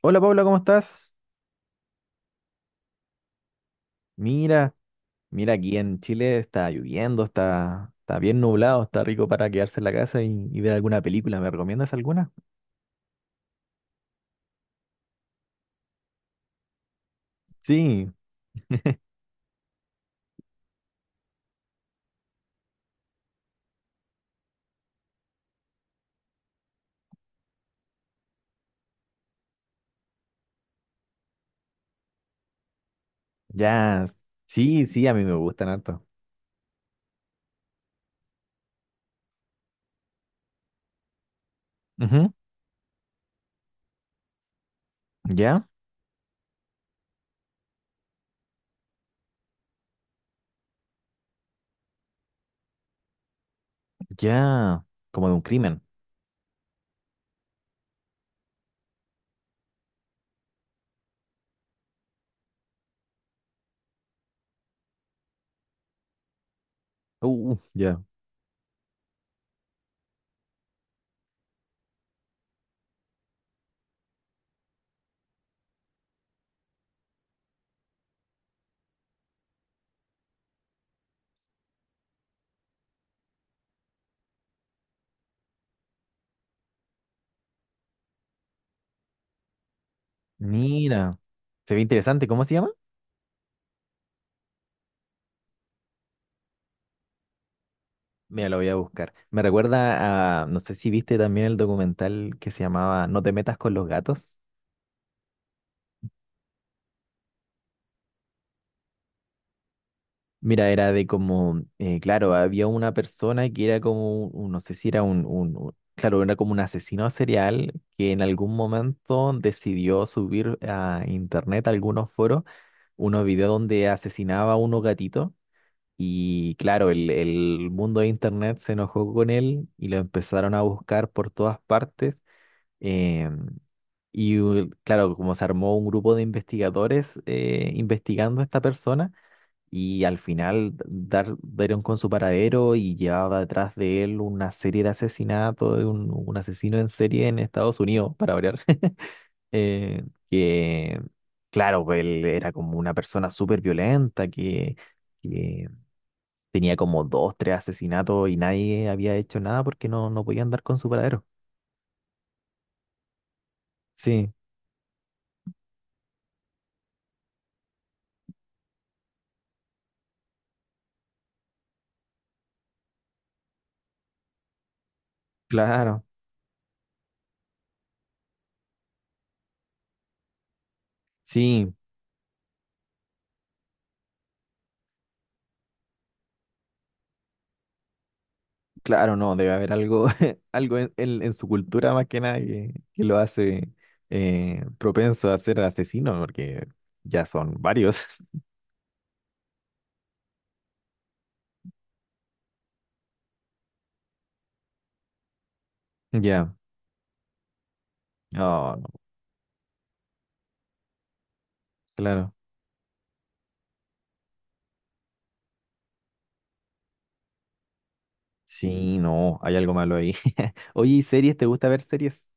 Hola, Paula, ¿cómo estás? Mira, mira, aquí en Chile está lloviendo, está bien nublado, está rico para quedarse en la casa y ver alguna película. ¿Me recomiendas alguna? Sí, ya, sí, a mí me gustan harto. Ujú. Ya, ya, como de un crimen. Ya. Mira, se ve interesante, ¿cómo se llama? Mira, lo voy a buscar. Me recuerda a, no sé si viste también el documental que se llamaba No te metas con los gatos. Mira, era de como, claro, había una persona que era como, no sé si era claro, era como un asesino serial que en algún momento decidió subir a internet, a algunos foros, unos videos donde asesinaba a unos gatitos y claro, el mundo de internet se enojó con él y lo empezaron a buscar por todas partes. em, claro, como se armó un grupo de investigadores investigando a esta persona y al final dieron con su paradero y llevaba detrás de él una serie de asesinatos, de un asesino en serie en Estados Unidos, para variar. eh, que claro, pues, él era como una persona súper violenta que tenía como dos, tres asesinatos y nadie había hecho nada porque no podían dar con su paradero. Sí, claro, sí. Claro, no, debe haber algo, algo en, en su cultura más que nada que lo hace propenso a ser asesino, porque ya son varios. Ya, no, no, claro. Sí, no, hay algo malo ahí. Oye, ¿y series? ¿Te gusta ver series?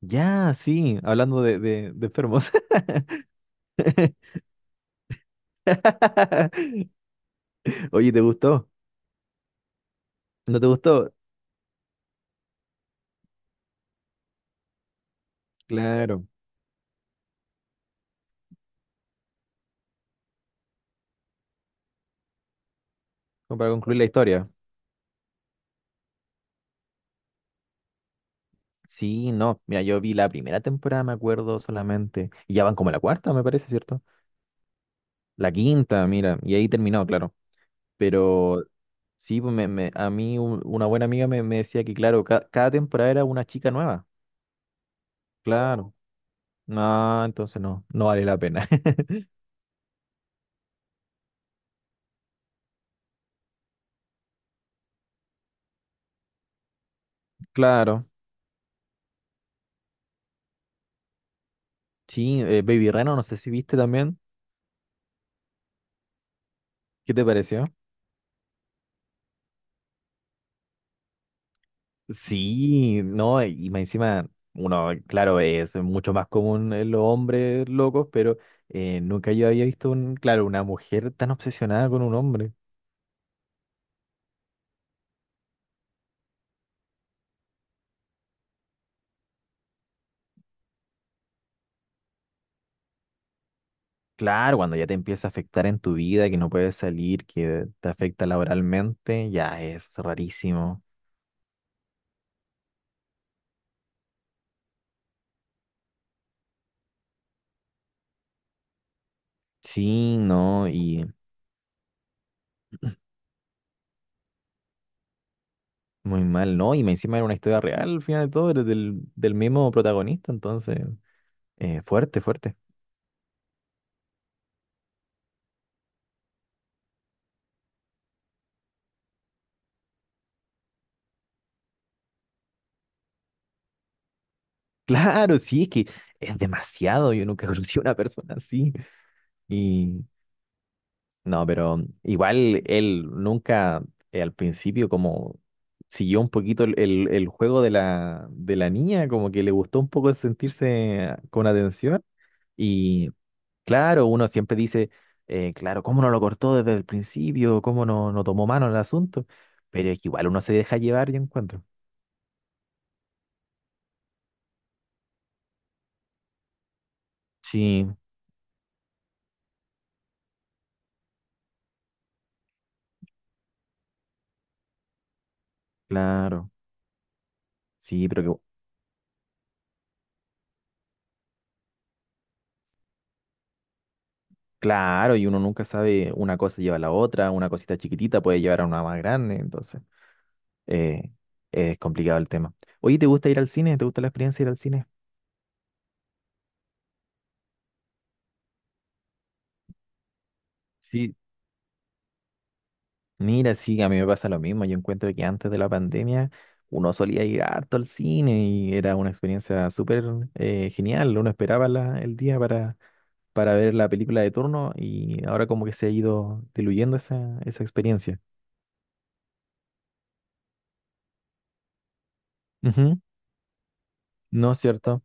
Ya, sí, hablando de enfermos. Oye, ¿te gustó? ¿No te gustó? Claro, como para concluir la historia. Sí, no. Mira, yo vi la primera temporada, me acuerdo solamente. Y ya van como la cuarta, me parece, ¿cierto? La quinta, mira. Y ahí terminó, claro. Pero sí, pues a mí una buena amiga me decía que, claro, cada temporada era una chica nueva. Claro. No, entonces no vale la pena. Claro. Sí, Baby Reno, no sé si viste también. ¿Qué te pareció? Sí, no, y más encima, uno, claro, es mucho más común en los hombres locos, pero nunca yo había visto un, claro, una mujer tan obsesionada con un hombre. Claro, cuando ya te empieza a afectar en tu vida, que no puedes salir, que te afecta laboralmente, ya es rarísimo. Sí, no, y muy mal, ¿no? Y más encima era una historia real al final de todo, era del mismo protagonista, entonces, fuerte, fuerte. Claro, sí, es que es demasiado, yo nunca conocí a una persona así. Y no, pero igual él nunca al principio como siguió un poquito el juego de la niña, como que le gustó un poco sentirse con atención. Y claro, uno siempre dice, claro, ¿cómo no lo cortó desde el principio? ¿Cómo no tomó mano en el asunto? Pero es que igual uno se deja llevar, yo encuentro. Sí, claro, sí, claro, y uno nunca sabe, una cosa lleva a la otra, una cosita chiquitita puede llevar a una más grande, entonces. eh, es complicado el tema. Oye, ¿te gusta ir al cine? ¿Te gusta la experiencia de ir al cine? Sí, mira, sí, a mí me pasa lo mismo. Yo encuentro que antes de la pandemia uno solía ir harto al cine y era una experiencia súper genial. Uno esperaba el día para ver la película de turno y ahora como que se ha ido diluyendo esa experiencia. Ujú. No es cierto.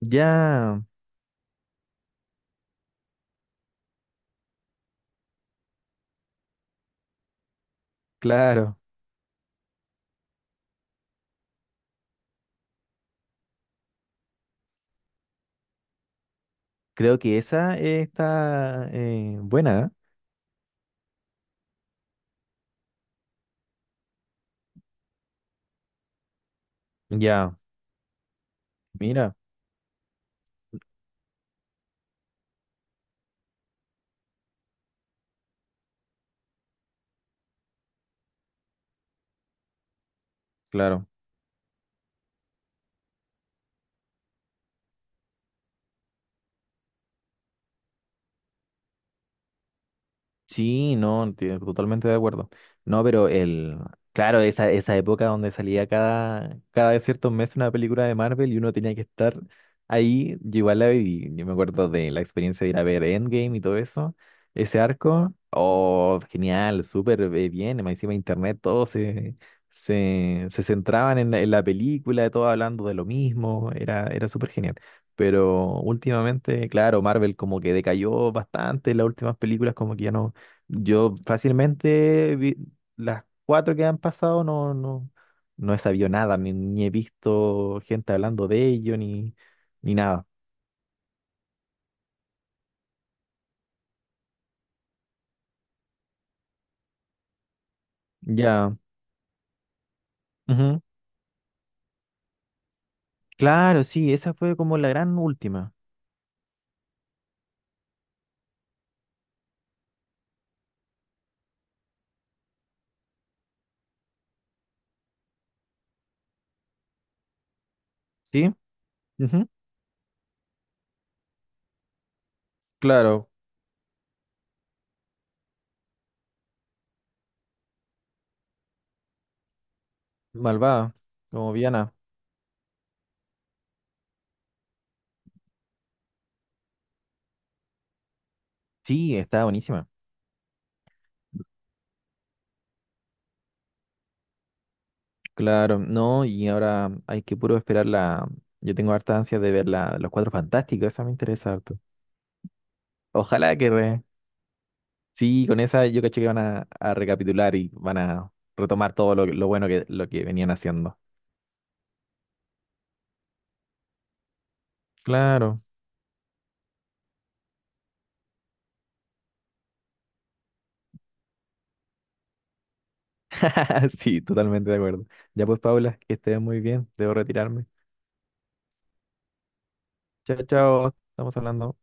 Ya, claro. Creo que esa está buena. ¿Eh? Ya, mira, claro. Sí, no, totalmente de acuerdo. No, pero el, claro, esa época donde salía cada ciertos meses una película de Marvel y uno tenía que estar ahí, yo igual la viví. Yo me acuerdo de la experiencia de ir a ver Endgame y todo eso, ese arco, oh, genial, súper bien, más encima internet, se centraban en la película, todos hablando de lo mismo, era súper genial. Pero últimamente, claro, Marvel como que decayó bastante, las últimas películas como que ya no yo fácilmente vi- las cuatro que han pasado no he sabido nada, ni he visto gente hablando de ello, ni nada. Ya. Ujú. Claro, sí, esa fue como la gran última. ¿Sí? Ujú. Claro, malvada, como Viana. Sí, está buenísima. Claro, no, y ahora hay que puro esperar la... Yo tengo harta ansia de ver los cuatro fantásticos, esa me interesa harto. Ojalá que, re- sí, con esa yo caché que van a recapitular y van a retomar todo lo bueno que, lo que venían haciendo. Claro. Sí, totalmente de acuerdo. Ya pues, Paula, que estés muy bien. Debo retirarme. Chao, chao. Estamos hablando.